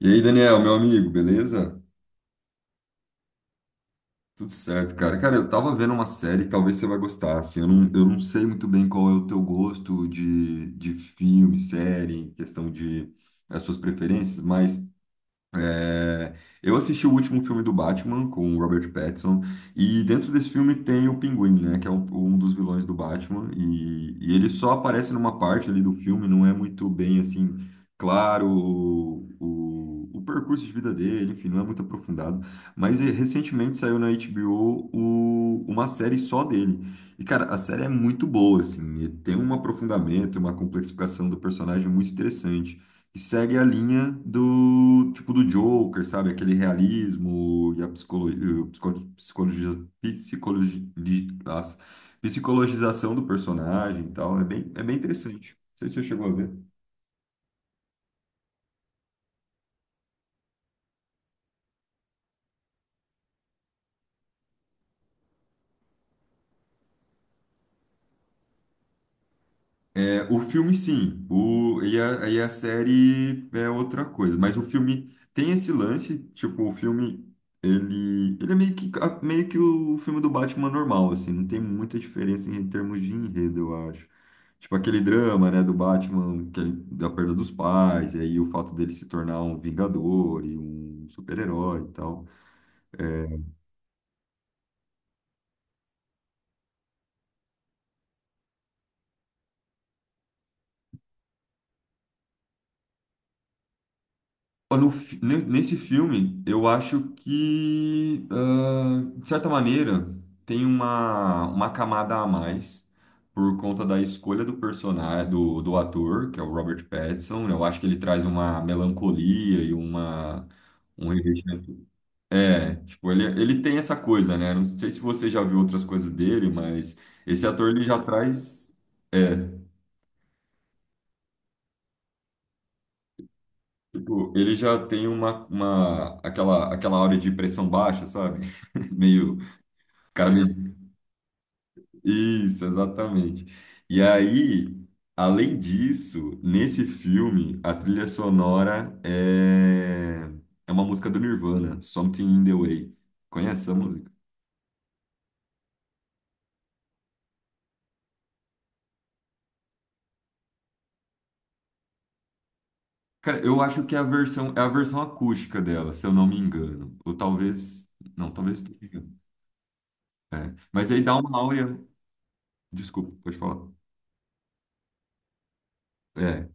E aí, Daniel, meu amigo, beleza? Tudo certo, cara. Cara, eu tava vendo uma série, talvez você vai gostar, assim, eu não sei muito bem qual é o teu gosto de filme, série, questão de as suas preferências, mas É, eu assisti o último filme do Batman com o Robert Pattinson e dentro desse filme tem o Pinguim, né, um dos vilões do Batman e ele só aparece numa parte ali do filme, não é muito bem assim claro o percurso de vida dele, enfim, não é muito aprofundado. Mas recentemente saiu na HBO uma série só dele e cara, a série é muito boa assim, e tem um aprofundamento, uma complexificação do personagem muito interessante que segue a linha do tipo do Joker, sabe? Aquele realismo e a psicologia, psicologi- nossa, psicologização do personagem e tal. É bem interessante. Não sei se você chegou a ver. É, o filme, sim. E a série é outra coisa. Mas o filme tem esse lance, tipo, ele é meio que, meio que o filme do Batman normal, assim. Não tem muita diferença em termos de enredo, eu acho. Tipo, aquele drama, né, do Batman, da perda dos pais, e aí o fato dele se tornar um vingador e um super-herói e tal. Ó, No fi- ne- nesse filme, eu acho que, ah, de certa maneira, tem uma camada a mais por conta da escolha do personagem, do ator, que é o Robert Pattinson. Eu acho que ele traz uma melancolia e um revestimento. É, tipo, ele tem essa coisa, né? Não sei se você já viu outras coisas dele, mas esse ator ele já traz. É, tipo, ele já tem aquela aura de pressão baixa, sabe? Meio, o cara meio... Uhum. Isso, exatamente. E aí, além disso, nesse filme, a trilha sonora é, é uma música do Nirvana, Something in the Way. Conhece essa música? Cara, eu acho que é é a versão acústica dela, se eu não me engano. Ou talvez... Não, talvez... esteja. É. Mas aí dá uma áurea... Desculpa, pode falar. É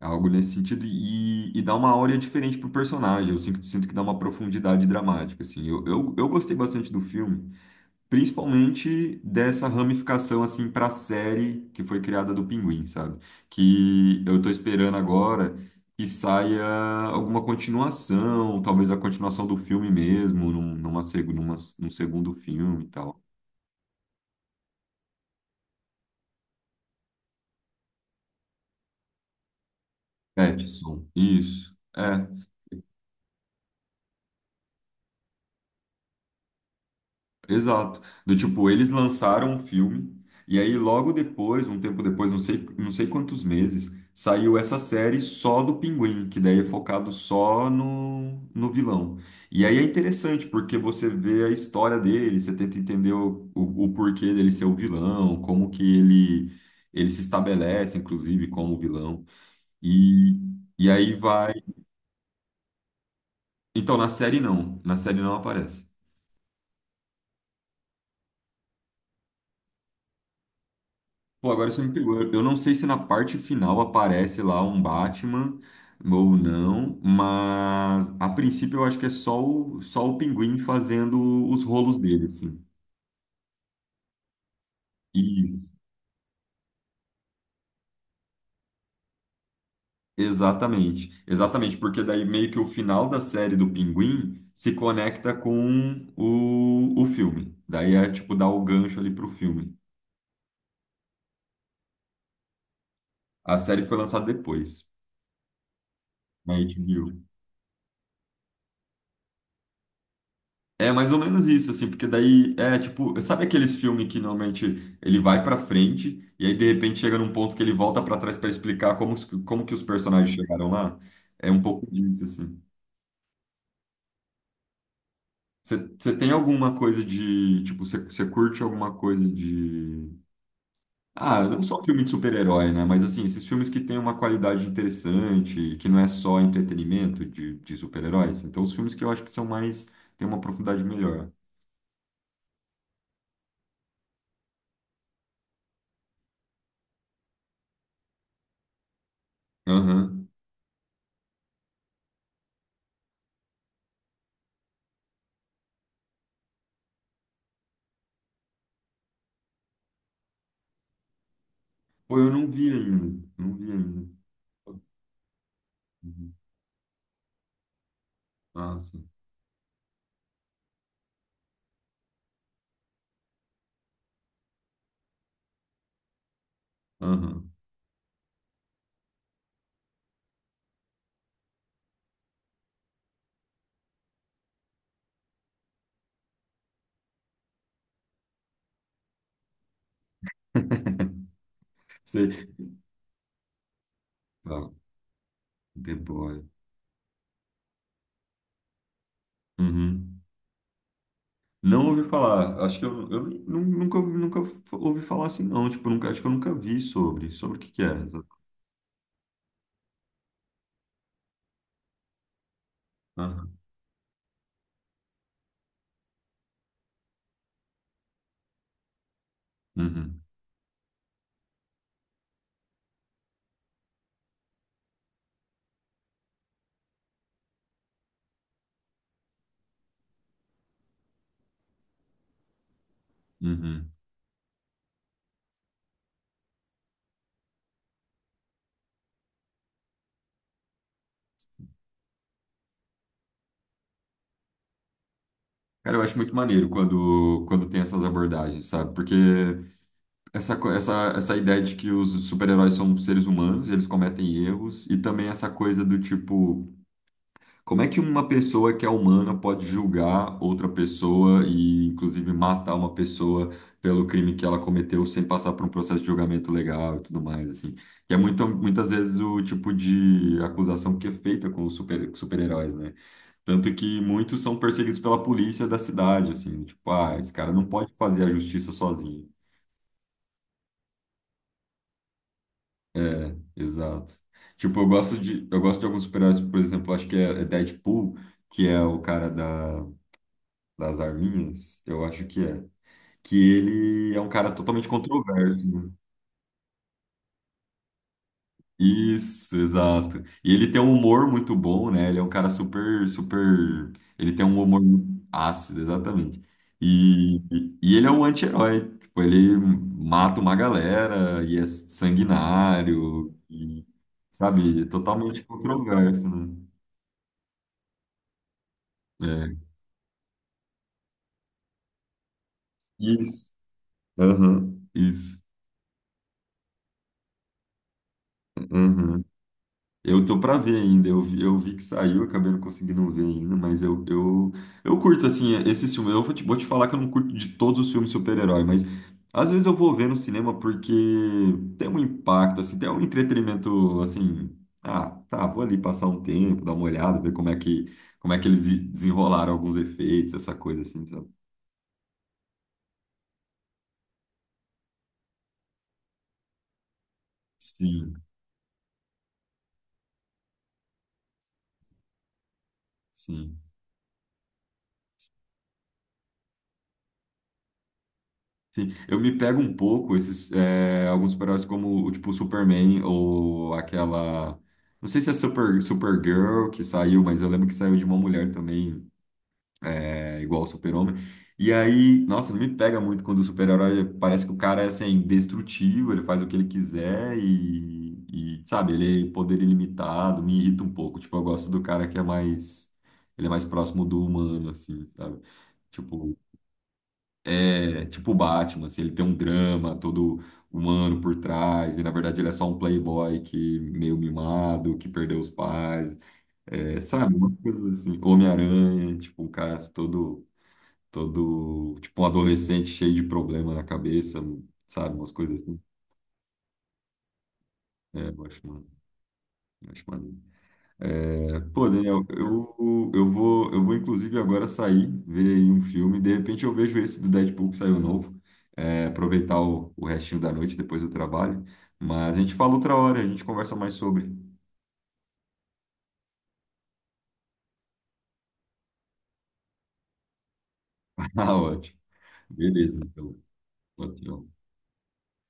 algo nesse sentido e dá uma áurea diferente pro personagem. Eu sinto, sinto que dá uma profundidade dramática, assim. Eu gostei bastante do filme, principalmente dessa ramificação, assim, pra série que foi criada do Pinguim, sabe? Que eu tô esperando agora que saia alguma continuação, talvez a continuação do filme mesmo, num segundo filme e tal. Petson, isso. É. Exato. Do tipo, eles lançaram um filme e aí logo depois, um tempo depois, não sei, não sei quantos meses, saiu essa série só do Pinguim, que daí é focado só no, no vilão. E aí é interessante porque você vê a história dele, você tenta entender o porquê dele ser o vilão, como que ele se estabelece, inclusive, como vilão. E, e aí vai. Então, na série não aparece. Pô, agora você me pegou. Eu não sei se na parte final aparece lá um Batman ou não, mas a princípio eu acho que é só o Pinguim fazendo os rolos dele, assim. Isso. Exatamente. Exatamente, porque daí meio que o final da série do Pinguim se conecta com o filme. Daí é tipo dar o gancho ali pro filme. A série foi lançada depois, na HBO. É mais ou menos isso, assim, porque daí é tipo, sabe aqueles filmes que normalmente ele vai pra frente e aí de repente chega num ponto que ele volta pra trás pra explicar como que os personagens chegaram lá? É um pouco disso, assim. Você tem alguma coisa de, tipo, você curte alguma coisa de... Ah, não só filme de super-herói, né? Mas assim, esses filmes que têm uma qualidade interessante, que não é só entretenimento de super-heróis. Então, os filmes que eu acho têm uma profundidade melhor. Aham. Pô, eu não vi ainda. Não vi ainda. Uhum. Ah, sim. Aham. Sei. Tá, Tempora. Uhum. Não ouvi falar. Acho que eu nu- nunca, ouvi- nunca ouvi falar assim, não. Tipo, nunca, acho que eu nunca vi sobre. Sobre o que que é. Aham. Uhum. Uhum. Cara, eu acho muito maneiro quando, quando tem essas abordagens, sabe? Porque essa ideia de que os super-heróis são seres humanos, eles cometem erros, e também essa coisa do tipo. Como é que uma pessoa que é humana pode julgar outra pessoa e, inclusive, matar uma pessoa pelo crime que ela cometeu sem passar por um processo de julgamento legal e tudo mais, assim? Que é muito, muitas vezes o tipo de acusação que é feita com os super-heróis, né? Tanto que muitos são perseguidos pela polícia da cidade, assim, tipo, ah, esse cara não pode fazer a justiça sozinho. É, exato. Tipo, eu gosto de alguns super-heróis, por exemplo, acho que é Deadpool, que é o cara da das arminhas, eu acho que é. Que ele é um cara totalmente controverso, né? Isso, exato. E ele tem um humor muito bom, né? Ele é um cara super. Ele tem um humor muito ácido, exatamente. E e ele é um anti-herói. Tipo, ele mata uma galera e é sanguinário, e, sabe? É totalmente controverso, né? É. Isso. Aham, isso. Aham. Eu tô pra ver ainda, eu vi que saiu, acabei não conseguindo ver ainda, mas eu curto, assim, esses filmes. Vou te falar que eu não curto de todos os filmes de super-herói, mas às vezes eu vou ver no cinema porque tem um impacto, assim, tem um entretenimento, assim, ah, tá, vou ali passar um tempo, dar uma olhada, ver como é que eles desenrolaram alguns efeitos, essa coisa, assim, sabe? Sim, sim. Sim, eu me pego um pouco esses é, alguns super-heróis como tipo o Superman ou aquela não sei se é Super Supergirl que saiu, mas eu lembro que saiu de uma mulher também é, igual ao Super-Homem. E aí, nossa, me pega muito quando o super-herói parece que o cara é assim indestrutível, ele faz o que ele quiser e sabe, ele é poder ilimitado, me irrita um pouco. Tipo, eu gosto do cara que é mais ele é mais próximo do humano assim, sabe? Tipo, é tipo o Batman, assim, ele tem um drama todo humano por trás, e na verdade ele é só um playboy que meio mimado, que perdeu os pais, é, sabe? Umas coisas assim. Homem-Aranha, tipo, todo, tipo, um adolescente cheio de problema na cabeça, sabe? Umas coisas assim. É, eu acho, mano, eu acho maneiro. É, pô, Daniel, eu vou inclusive agora sair, ver aí um filme. De repente eu vejo esse do Deadpool que saiu novo. É, aproveitar o restinho da noite depois do trabalho. Mas a gente fala outra hora, a gente conversa mais sobre. Ah, ótimo. Beleza, então. Ótimo.